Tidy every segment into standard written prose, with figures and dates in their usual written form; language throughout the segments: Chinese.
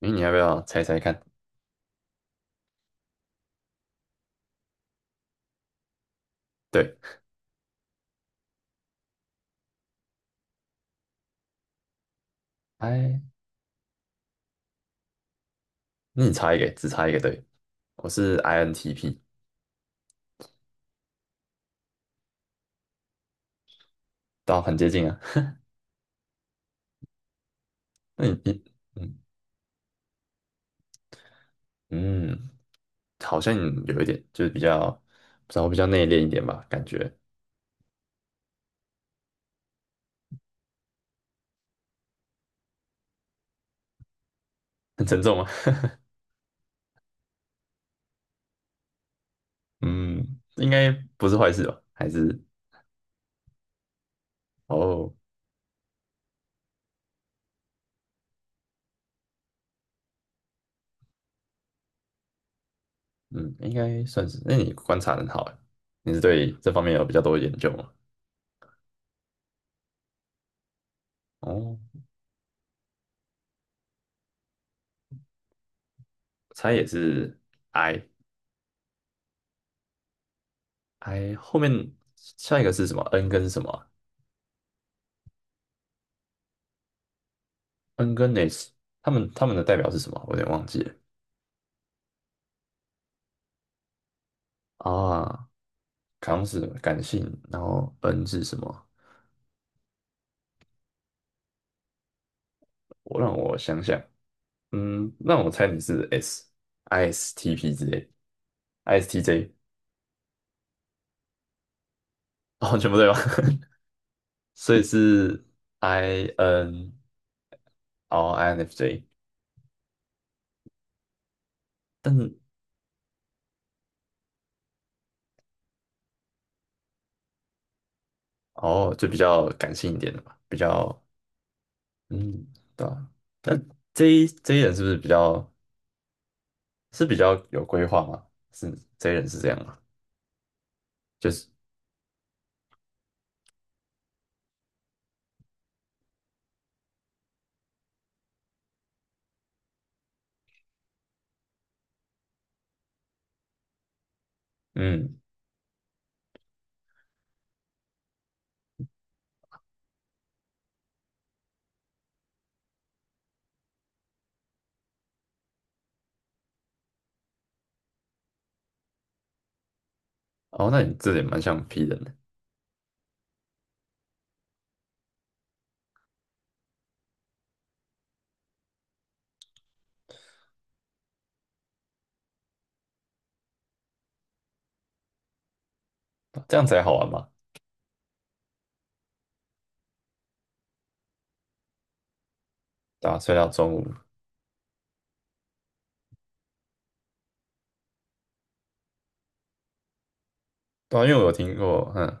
诶，你要不要猜猜看？对，I，那你猜一个，只猜一个，对，我是 INTP，倒很接近啊。那你，嗯嗯，好像有一点，就是比较，不知道比较内敛一点吧，感觉很沉重吗？嗯，应该不是坏事吧？还是哦，嗯，应该算是。那你观察得很好欸，你是对这方面有比较多的研究吗？哦，我猜也是 I，I 后面下一个是什么？N 跟什么啊 N 跟 S，他们的代表是什么？我有点忘记了啊。康是感性，然后 N 是什么？让我想想，嗯，让我猜你是 S，ISTP 之类，ISTJ，哦，全部对吧？所以是 IN，哦，INFJ,但是哦，就比较感性一点的嘛，比较嗯，对啊。那 J 人是不是比较是比较有规划吗？是 J 人是这样吗？就是。嗯，哦，那你这也蛮像 P 人的，这样才好玩嘛，对啊，睡到中午，对啊，因为我有听过，嗯，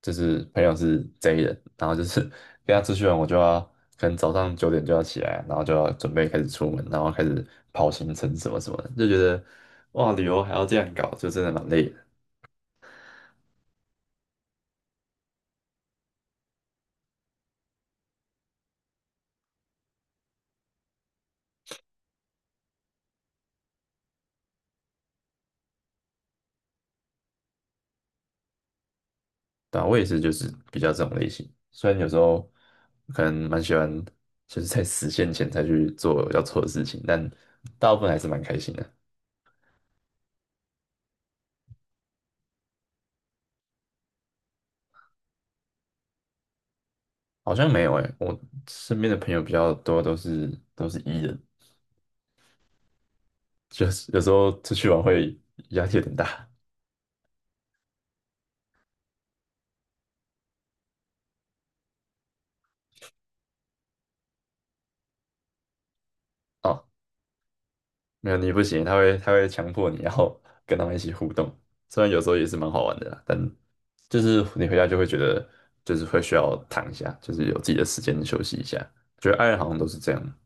就是朋友是 J 人，然后就是 跟他出去玩，我就要可能早上九点就要起来，然后就要准备开始出门，然后开始跑行程什么什么的，就觉得哇，旅游还要这样搞，就真的蛮累的，对啊，我也是，就是比较这种类型，虽然有时候可能蛮喜欢，就是在实现前才去做要做的事情，但大部分还是蛮开心的。好像没有诶、我身边的朋友比较多都是 E 人，就是有时候出去玩会压力有点大哦。没有你不行，他会强迫你，然后跟他们一起互动。虽然有时候也是蛮好玩的啦，但就是你回家就会觉得就是会需要躺一下，就是有自己的时间休息一下。觉得爱人好像都是这样。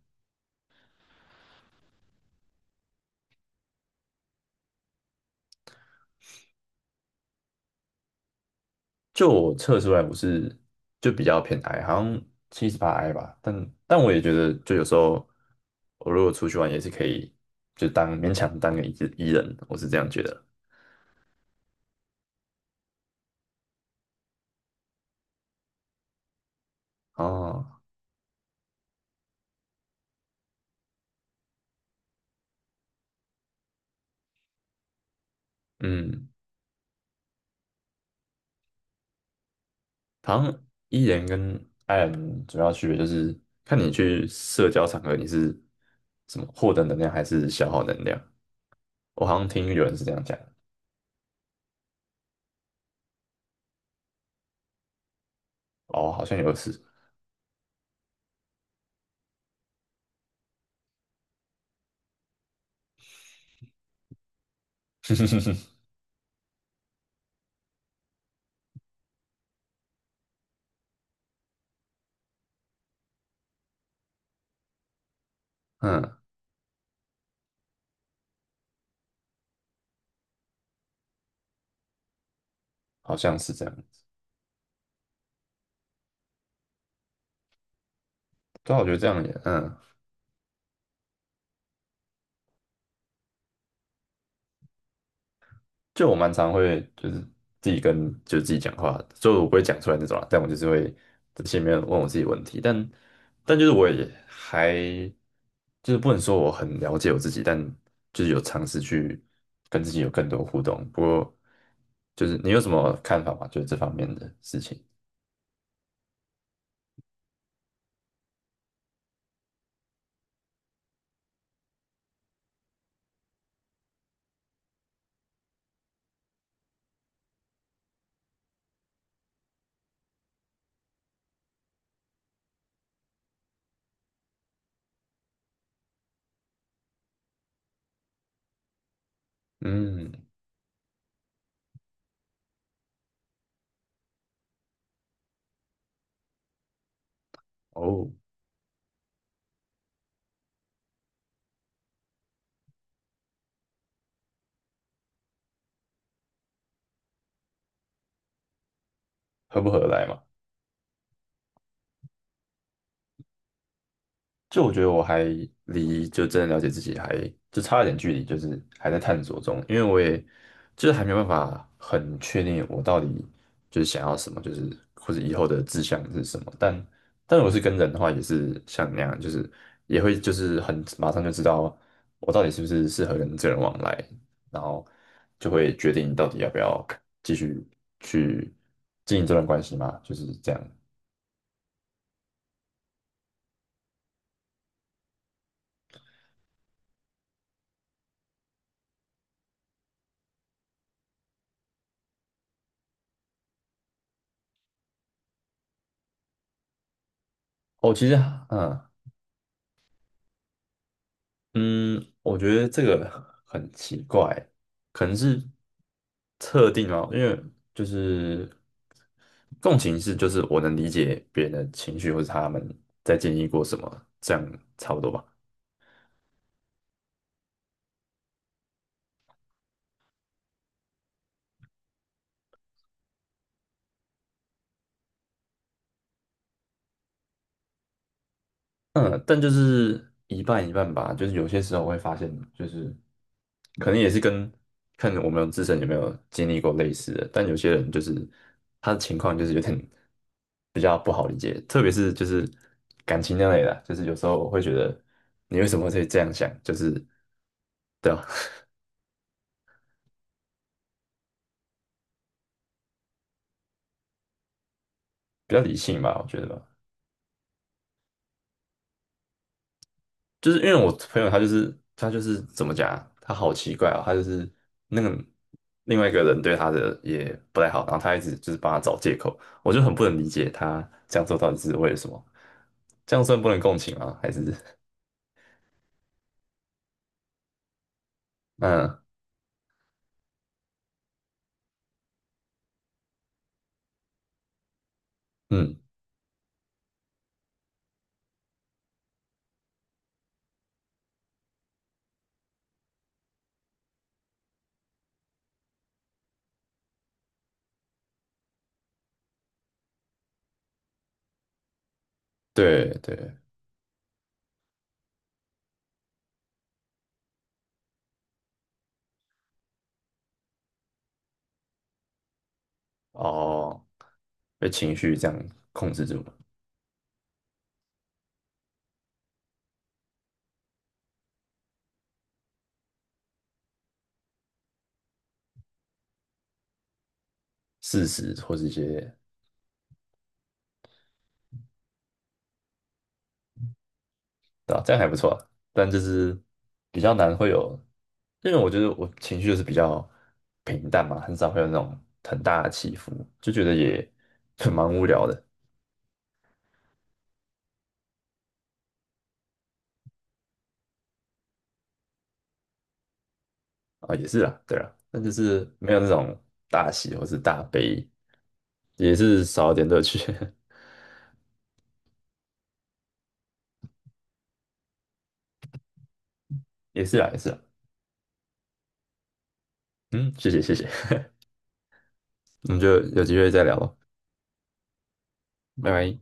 就我测出来我是就比较偏 I，好像78 I 吧，但我也觉得就有时候我如果出去玩也是可以，就当勉强当个 E 字 E 人，我是这样觉得。哦，嗯，好像 E 人跟 I 人主要区别就是看你去社交场合你是怎么获得能量还是消耗能量，我好像听有人是这样讲的哦，好像有是，嗯，好像是这样子，对啊，我觉得这样也嗯。就我蛮常会就是自己跟就自己讲话，就我不会讲出来那种啦，但我就是会在心里面问我自己问题，但就是我也还就是不能说我很了解我自己，但就是有尝试去跟自己有更多互动。不过就是你有什么看法吗？就是这方面的事情，嗯，哦，合不合得来嘛？就我觉得我还离就真的了解自己还就差一点距离，就是还在探索中，因为我也就是还没有办法很确定我到底就是想要什么，就是或者以后的志向是什么。但我是跟人的话，也是像那样，就是也会就是很马上就知道我到底是不是适合跟这个人往来，然后就会决定到底要不要继续去经营这段关系嘛，就是这样。哦，其实嗯。嗯，我觉得这个很奇怪，可能是特定哦，因为就是共情是就是我能理解别人的情绪或者他们在经历过什么，这样差不多吧。嗯，但就是一半一半吧，就是有些时候我会发现，就是可能也是跟看我们自身有没有经历过类似的，但有些人就是他的情况就是有点。特别是就是感情那类的啊，就是有时候我会觉得你为什么会这样想，就是对啊，比较理性吧，我觉得吧，就是因为我朋友他就是怎么讲啊他好奇怪啊、他就是那个另外一个人对他的也不太好，然后他一直就是帮他找借口，我就很不能理解他这样做到底是为了什么，这样算不能共情吗？还是 嗯嗯，对对哦，被情绪这样控制住了事实或是一些。对吧？这样还不错啊但就是比较难会有，因为我觉得我情绪就是比较平淡嘛，很少会有那种很大的起伏，就觉得也 蛮无聊的啊，也是啦，对啦，但就是没有那种大喜或是大悲，也是少一点乐趣，也是啦，也是啦，嗯，谢谢谢谢，我们就有机会再聊咯，拜拜。